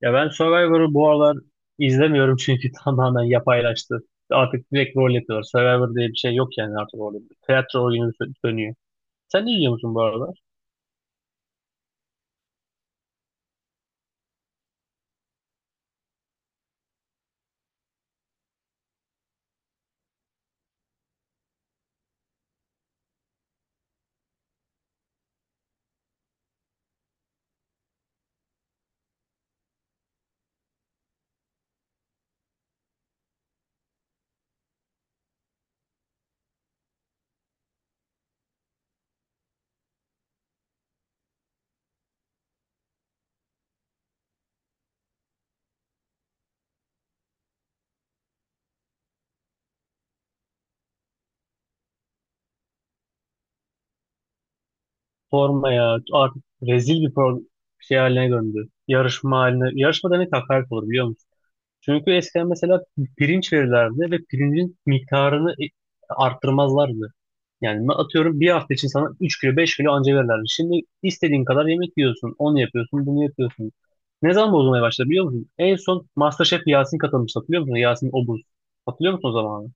Ya ben Survivor'ı bu aralar izlemiyorum çünkü tamamen yapaylaştı. Artık direkt rol yapıyorlar. Survivor diye bir şey yok yani artık orada. Tiyatro oyunu dönüyor. Sen ne izliyor musun bu aralar? Forma ya artık rezil bir şey haline döndü. Yarışma haline. Yarışma demek hakaret olur biliyor musun? Çünkü eskiden mesela pirinç verirlerdi ve pirincin miktarını arttırmazlardı. Yani ben atıyorum bir hafta için sana 3 kilo 5 kilo anca verirlerdi. Şimdi istediğin kadar yemek yiyorsun. Onu yapıyorsun, bunu yapıyorsun. Ne zaman bozulmaya başladı biliyor musun? En son MasterChef Yasin katılmıştı hatırlıyor musun? Yasin Obuz. Hatırlıyor musun o zamanı?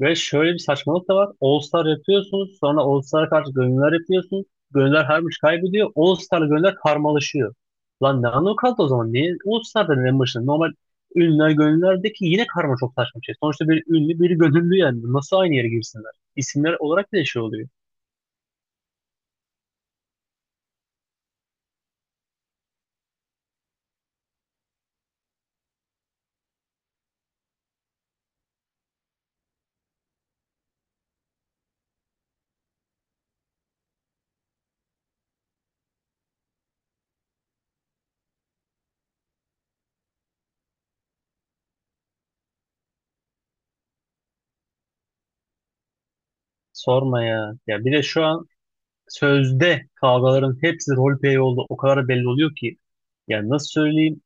Ve şöyle bir saçmalık da var. All Star yapıyorsunuz. Sonra All Star'a karşı gönüllüler yapıyorsunuz. Gönüllüler her maç kaybediyor. All Star'la gönüllüler karmalaşıyor. Lan ne anlamı kaldı o zaman? Niye All Star dedin en başında? Normal ünlüler gönüllülerdeki yine karma çok saçma bir şey. Sonuçta bir ünlü bir gönüllü yani. Nasıl aynı yere girsinler? İsimler olarak bile şey oluyor. Sorma ya. Ya bir de şu an sözde kavgaların hepsi roleplay oldu. O kadar belli oluyor ki. Yani nasıl söyleyeyim?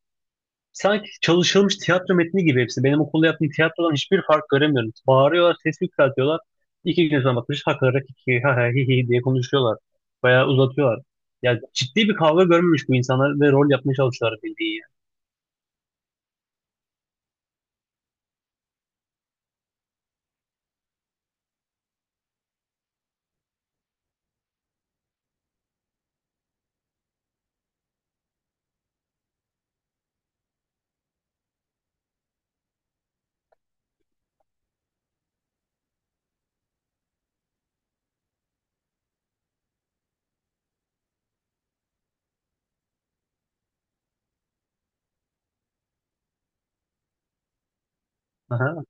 Sanki çalışılmış tiyatro metni gibi hepsi. Benim okulda yaptığım tiyatrodan hiçbir fark göremiyorum. Bağırıyorlar, ses yükseltiyorlar. İki gün sonra bakmış hakarak iki ha ha hi hi diye konuşuyorlar. Bayağı uzatıyorlar. Ya ciddi bir kavga görmemiş bu insanlar ve rol yapmaya çalışıyorlar bildiği. Yani. Aha.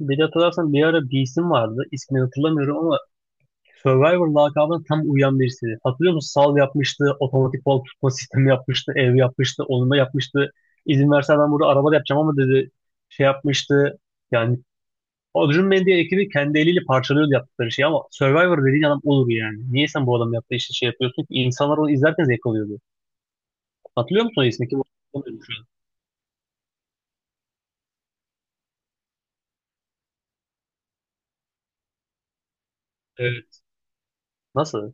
Bir de hatırlarsan bir ara bir isim vardı. İsmini hatırlamıyorum ama Survivor lakabına tam uyan birisi. Hatırlıyor musun? Sal yapmıştı, otomatik bal tutma sistemi yapmıştı, ev yapmıştı, onunla yapmıştı. İzin verse ben burada araba da yapacağım ama dedi şey yapmıştı. Yani Adrian Mendy ekibi kendi eliyle parçalıyordu yaptıkları şeyi ama Survivor dediğin adam olur yani. Niye sen bu adamın yaptığı işte şey yapıyorsun ki? İnsanlar onu izlerken zevk alıyordu. Hatırlıyor musun o ismi? Kim olduğunu şu an. Evet. Nasıl?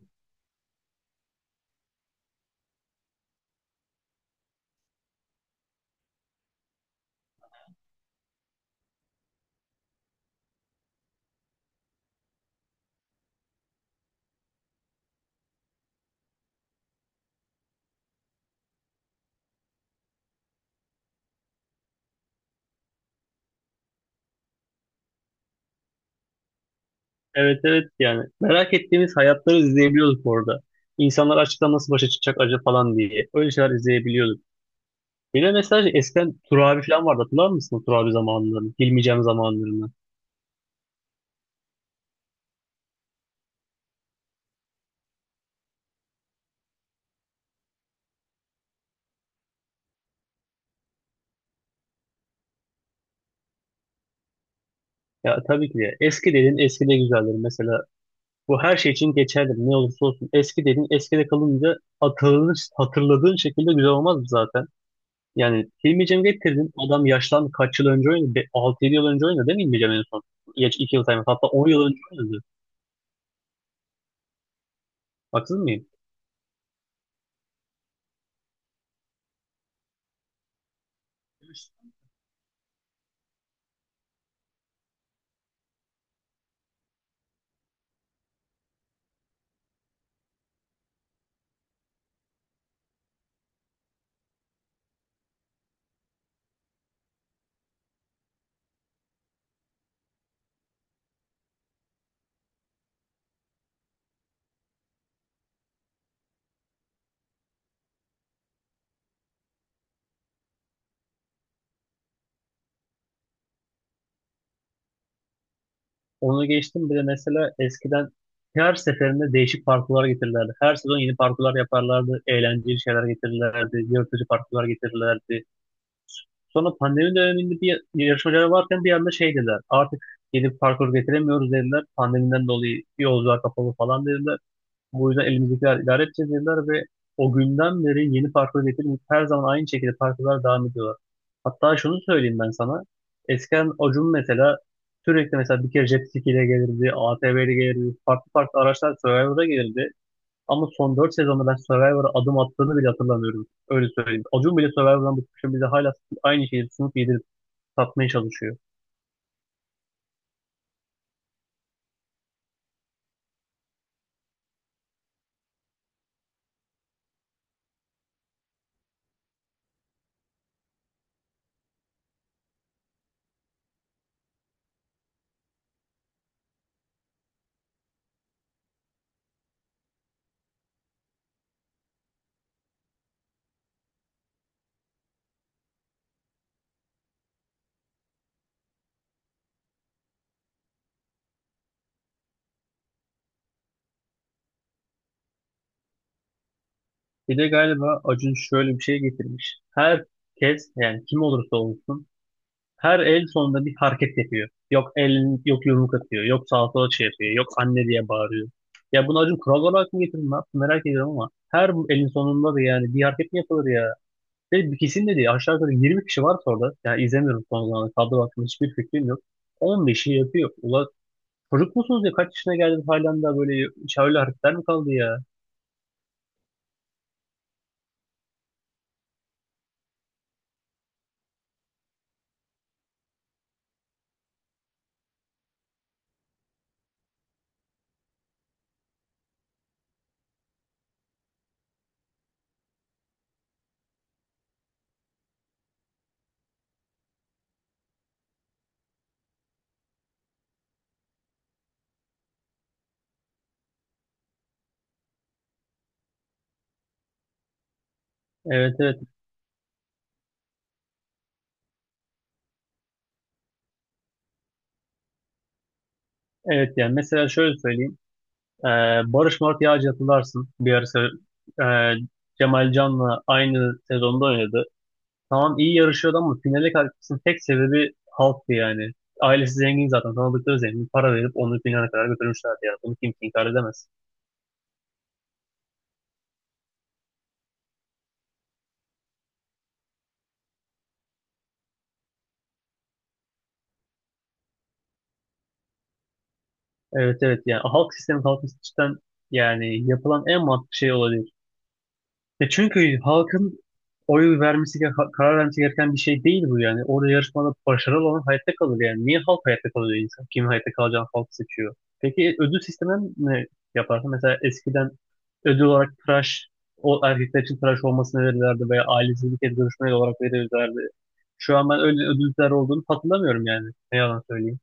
Evet evet yani. Merak ettiğimiz hayatları izleyebiliyorduk orada. İnsanlar açıktan nasıl başa çıkacak acaba falan diye. Öyle şeyler izleyebiliyorduk. Bir de mesela şey, eskiden Tur abi falan vardı. Hatırlar mısın o Tur abi zamanlarını? Hilmi zamanlarını. Ya tabii ki de. Eski dediğin eski de güzeldir. Mesela bu her şey için geçerli. Ne olursa olsun. Eski dediğin eskide kalınca hatırlanır, hatırladığın şekilde güzel olmaz mı zaten? Yani Hilmi Cem'i getirdin. Adam yaşlandı. Kaç yıl önce oynadı? 6-7 yıl önce oynadı değil mi Hilmi Cem en son? Geç 2 yıl sayma. Hatta 10 yıl önce oynadı. Haksız mıyım? Onu geçtim. Bir de mesela eskiden her seferinde değişik parkurlar getirirlerdi. Her sezon yeni parkurlar yaparlardı. Eğlenceli şeyler getirirlerdi. Yırtıcı parkurlar getirirlerdi. Sonra pandemi döneminde bir yarışmacılar varken bir anda şey dediler. Artık gelip parkur getiremiyoruz dediler. Pandemiden dolayı yolcular kapalı falan dediler. Bu yüzden elimizdekiler idare edeceğiz dediler ve o günden beri yeni parkur getirmeyip her zaman aynı şekilde parkurlar devam ediyorlar. Hatta şunu söyleyeyim ben sana. Eskiden Acun mesela sürekli mesela bir kere jet ski ile gelirdi, ATV ile gelirdi, farklı farklı araçlar Survivor'a gelirdi. Ama son 4 sezonda ben Survivor'a adım attığını bile hatırlamıyorum. Öyle söyleyeyim. Acun bile Survivor'dan bıkmışım. Bize hala aynı şeyi sunup yedirip satmaya çalışıyor. Bir de galiba Acun şöyle bir şey getirmiş. Herkes yani kim olursa olsun her el sonunda bir hareket yapıyor. Yok elini, yok yumruk atıyor. Yok sağa sola şey yapıyor. Yok anne diye bağırıyor. Ya bunu Acun kural olarak mı getirdi? Ne yaptı? Merak ediyorum ama her elin sonunda da yani bir hareket mi yapılır ya? Ve bir kesin de değil. Aşağı yukarı 20 kişi var orada. Yani izlemiyorum son zamanlarda. Kadro hakkında hiçbir fikrim yok. 15'i yapıyor. Ula çocuk musunuz ya? Kaç yaşına geldiniz halen daha böyle şöyle hareketler mi kaldı ya? Evet evet. Evet yani mesela şöyle söyleyeyim. Ee, Barış Mart Yağcı hatırlarsın. Bir ara e, Cemal Can'la aynı sezonda oynadı. Tamam iyi yarışıyordu ama finale kalkmasının tek sebebi halktı yani. Ailesi zengin zaten. Tanıdıkları zengin. Para verip onu finale kadar götürmüşlerdi yani. Bunu kimse inkar edemez. Evet evet yani halk sistemi halk sistemden yani yapılan en mantıklı şey olabilir. Ya çünkü halkın karar vermesi gereken bir şey değil bu yani. Orada yarışmada başarılı olan hayatta kalır yani. Niye halk hayatta kalıyor insan? Kim hayatta kalacağını halk seçiyor. Peki ödül sisteminden ne yaparsın? Mesela eskiden ödül olarak tıraş, o erkekler için tıraş olmasını verirlerdi veya ailesi bir kez olarak verirlerdi. Şu an ben öyle ödüller olduğunu hatırlamıyorum yani. Ne yalan söyleyeyim.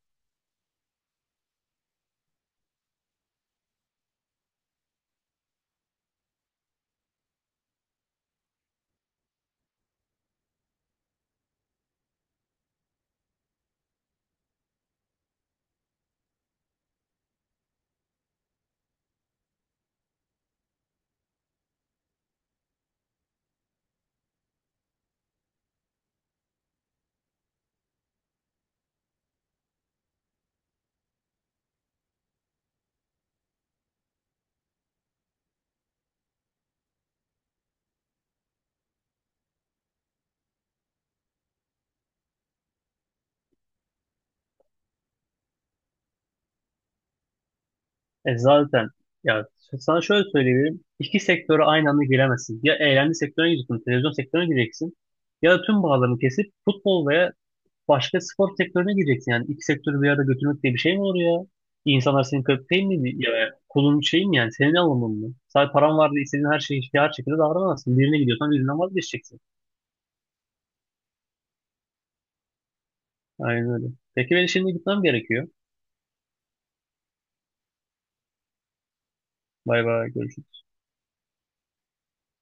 E zaten ya sana şöyle söyleyebilirim. İki sektöre aynı anda giremezsin. Ya eğlence sektörüne gireceksin, televizyon sektörüne gireceksin. Ya da tüm bağlarını kesip futbol veya başka spor sektörüne gireceksin. Yani iki sektörü bir arada götürmek diye bir şey mi olur ya? İnsanlar senin köpeğin mi? Ya, kulun şey mi yani? Senin alımın mı? Sadece paran var diye istediğin her şeyi her şekilde davranamazsın. Birine gidiyorsan birinden vazgeçeceksin. Aynen öyle. Peki ben şimdi gitmem gerekiyor. Bay bay. Görüşürüz.